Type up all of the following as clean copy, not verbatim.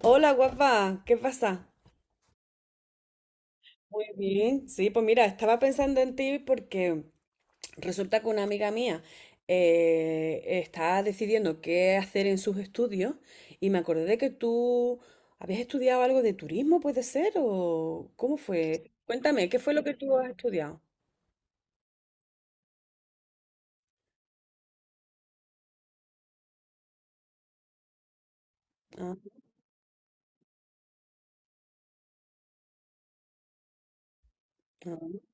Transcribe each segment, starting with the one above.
Hola, guapa, ¿qué pasa? Muy bien. Sí, pues mira, estaba pensando en ti porque resulta que una amiga mía está decidiendo qué hacer en sus estudios y me acordé de que tú habías estudiado algo de turismo, ¿puede ser? ¿O cómo fue? Cuéntame, ¿qué fue lo que tú has estudiado? Ah, ah,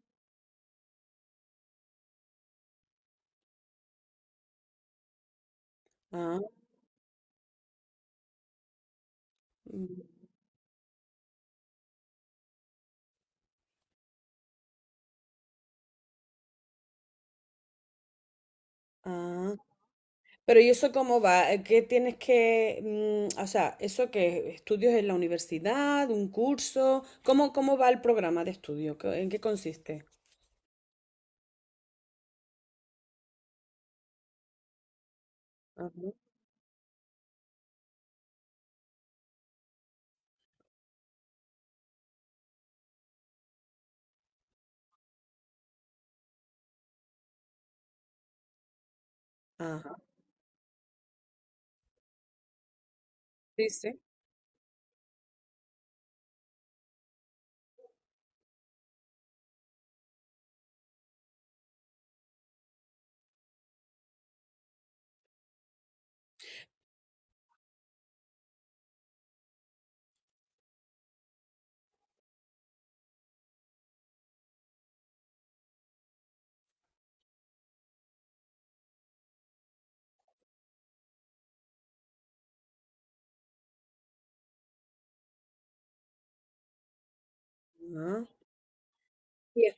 ah, mm, ah. Pero ¿y eso cómo va? ¿Qué tienes que, o sea, eso que estudios en la universidad, un curso? ¿¿Cómo va el programa de estudio? ¿En qué consiste? Ajá. Ah, sí, sí. Ah. Y, es-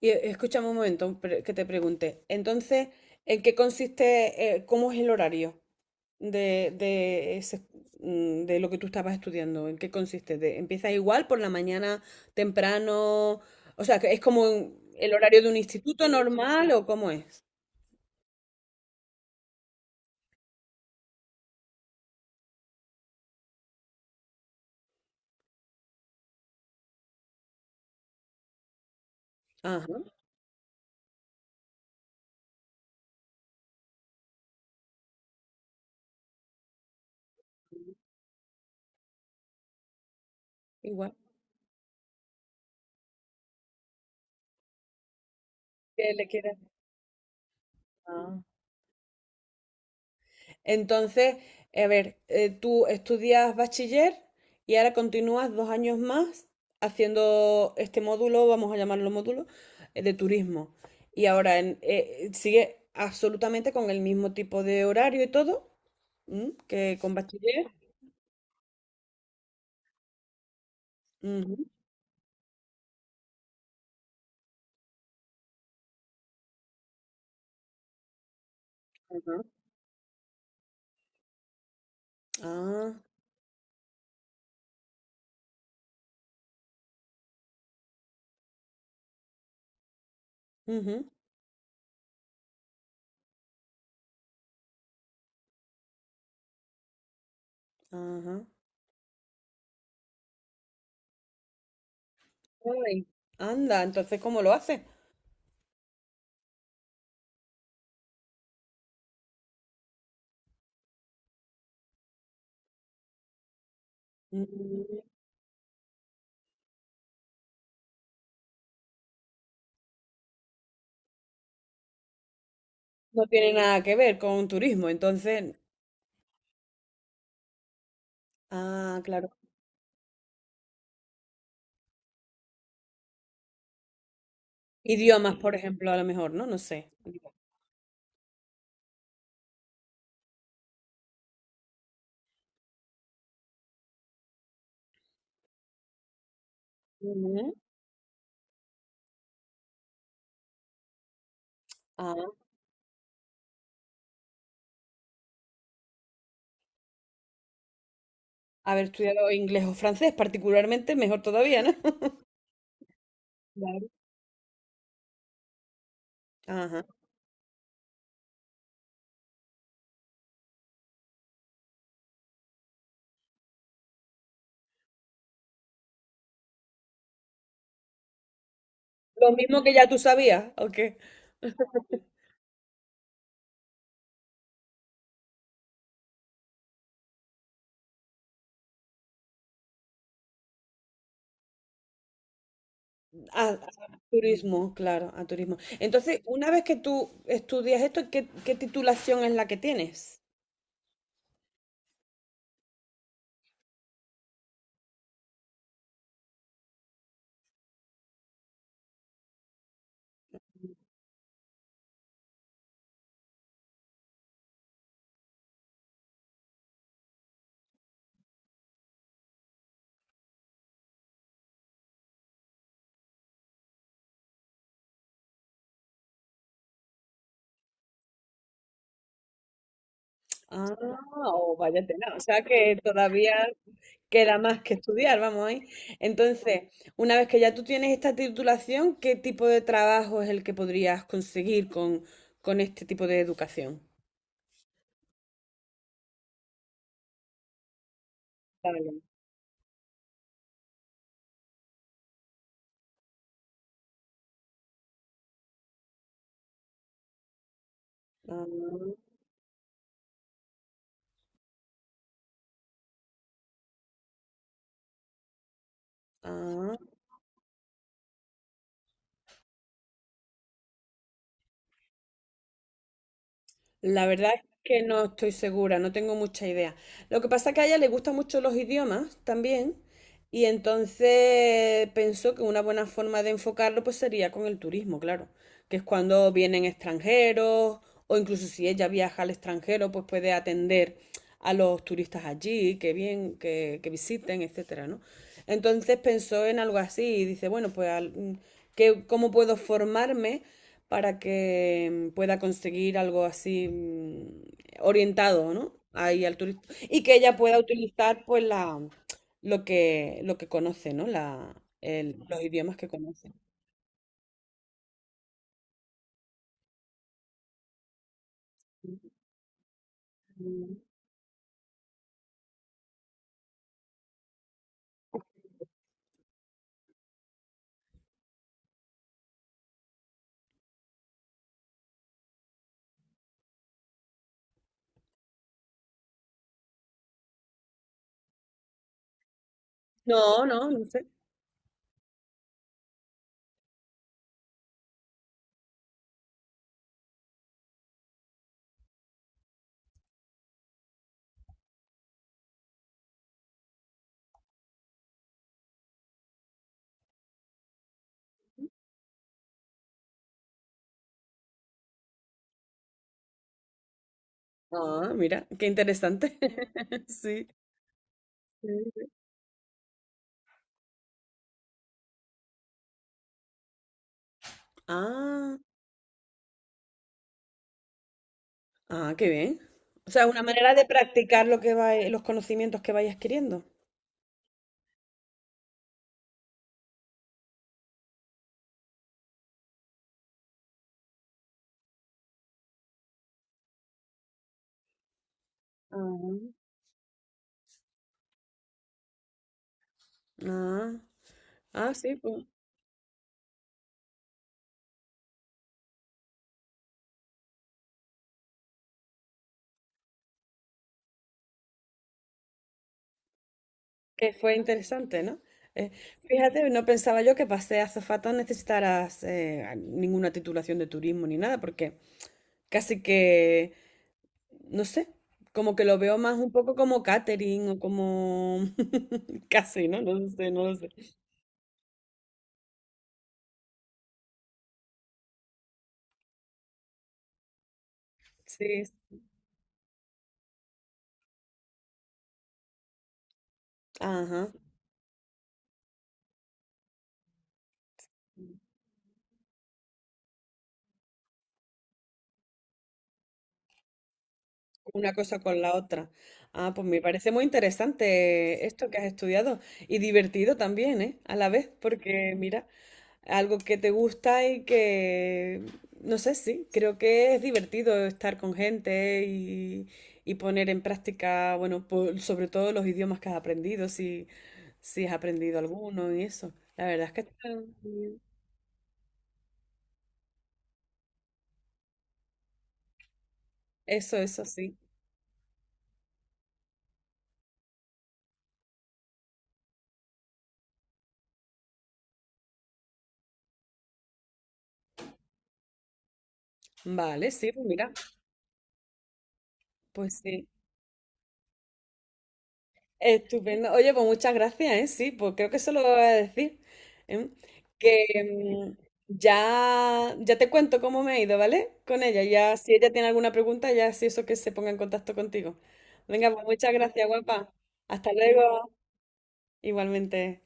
escúchame un momento que te pregunte. Entonces, ¿en qué consiste, cómo es el horario de, de, ese- de lo que tú estabas estudiando? ¿En qué consiste? ¿Empiezas igual por la mañana temprano? O sea, que ¿es como el horario de un instituto normal o cómo es? Ajá, igual. ¿Qué le quieras? Ah. Entonces, a ver, tú estudias bachiller y ahora continúas dos años más haciendo este módulo, vamos a llamarlo módulo, de turismo. Y ahora sigue absolutamente con el mismo tipo de horario y todo. ¿Mm? ¿Que con bachiller? Ujú, ajá, ah, ujú, ajá. Ay, anda, entonces, ¿cómo lo hace? Mm, no tiene nada que ver con turismo, entonces, ah, claro. Idiomas, por ejemplo, a lo mejor, ¿no? No sé. Ujú, ah, haber estudiado inglés o francés, particularmente, mejor todavía, ¿no? Claro. Ajá. Lo mismo que ya tú sabías, ¿ok? A turismo, claro, a turismo. Entonces, una vez que tú estudias esto, ¿¿qué titulación es la que tienes? Ah, o vaya tela, o sea que todavía queda más que estudiar, vamos ahí. Entonces, una vez que ya tú tienes esta titulación, ¿qué tipo de trabajo es el que podrías conseguir con este tipo de educación? Vale. Ah, ah. La verdad es que no estoy segura, no tengo mucha idea. Lo que pasa es que a ella le gustan mucho los idiomas también y entonces pensó que una buena forma de enfocarlo pues sería con el turismo, claro, que es cuando vienen extranjeros o incluso si ella viaja al extranjero pues puede atender a los turistas allí, que bien, que visiten, etcétera, ¿no? Entonces pensó en algo así y dice, bueno, pues ¿cómo puedo formarme para que pueda conseguir algo así, orientado, ¿no? Ahí al turista. Y que ella pueda utilizar pues la lo que conoce, ¿no? Los idiomas que conoce. No, no, no sé. Ah, mira, qué interesante. Sí. Sí, sí. Ah, ah, qué bien. O sea, una manera de practicar lo que va, los conocimientos que vayas adquiriendo. Ah, ah, ah, sí, pues, que fue interesante, ¿no? Eh, fíjate, no pensaba yo que para ser azafata necesitaras ninguna titulación de turismo ni nada, porque casi que no sé, como que lo veo más un poco como catering o como casi, ¿no? No lo sé, no lo sé. Sí, ajá. Una cosa con la otra. Ah, pues me parece muy interesante esto que has estudiado y divertido también, ¿eh? A la vez, porque mira, algo que te gusta y que, no sé, sí, creo que es divertido estar con gente y poner en práctica, bueno, sobre todo los idiomas que has aprendido, si, si has aprendido alguno y eso. La verdad es que eso, eso sí. Vale, sí, pues mira, pues sí. Estupendo. Oye, pues muchas gracias, ¿eh? Sí, pues creo que eso lo voy a decir. ¿Eh? Que ya, ya te cuento cómo me ha ido, ¿vale? Con ella. Ya, si ella tiene alguna pregunta, ya si eso que se ponga en contacto contigo. Venga, pues muchas gracias, guapa. Hasta luego. Igualmente.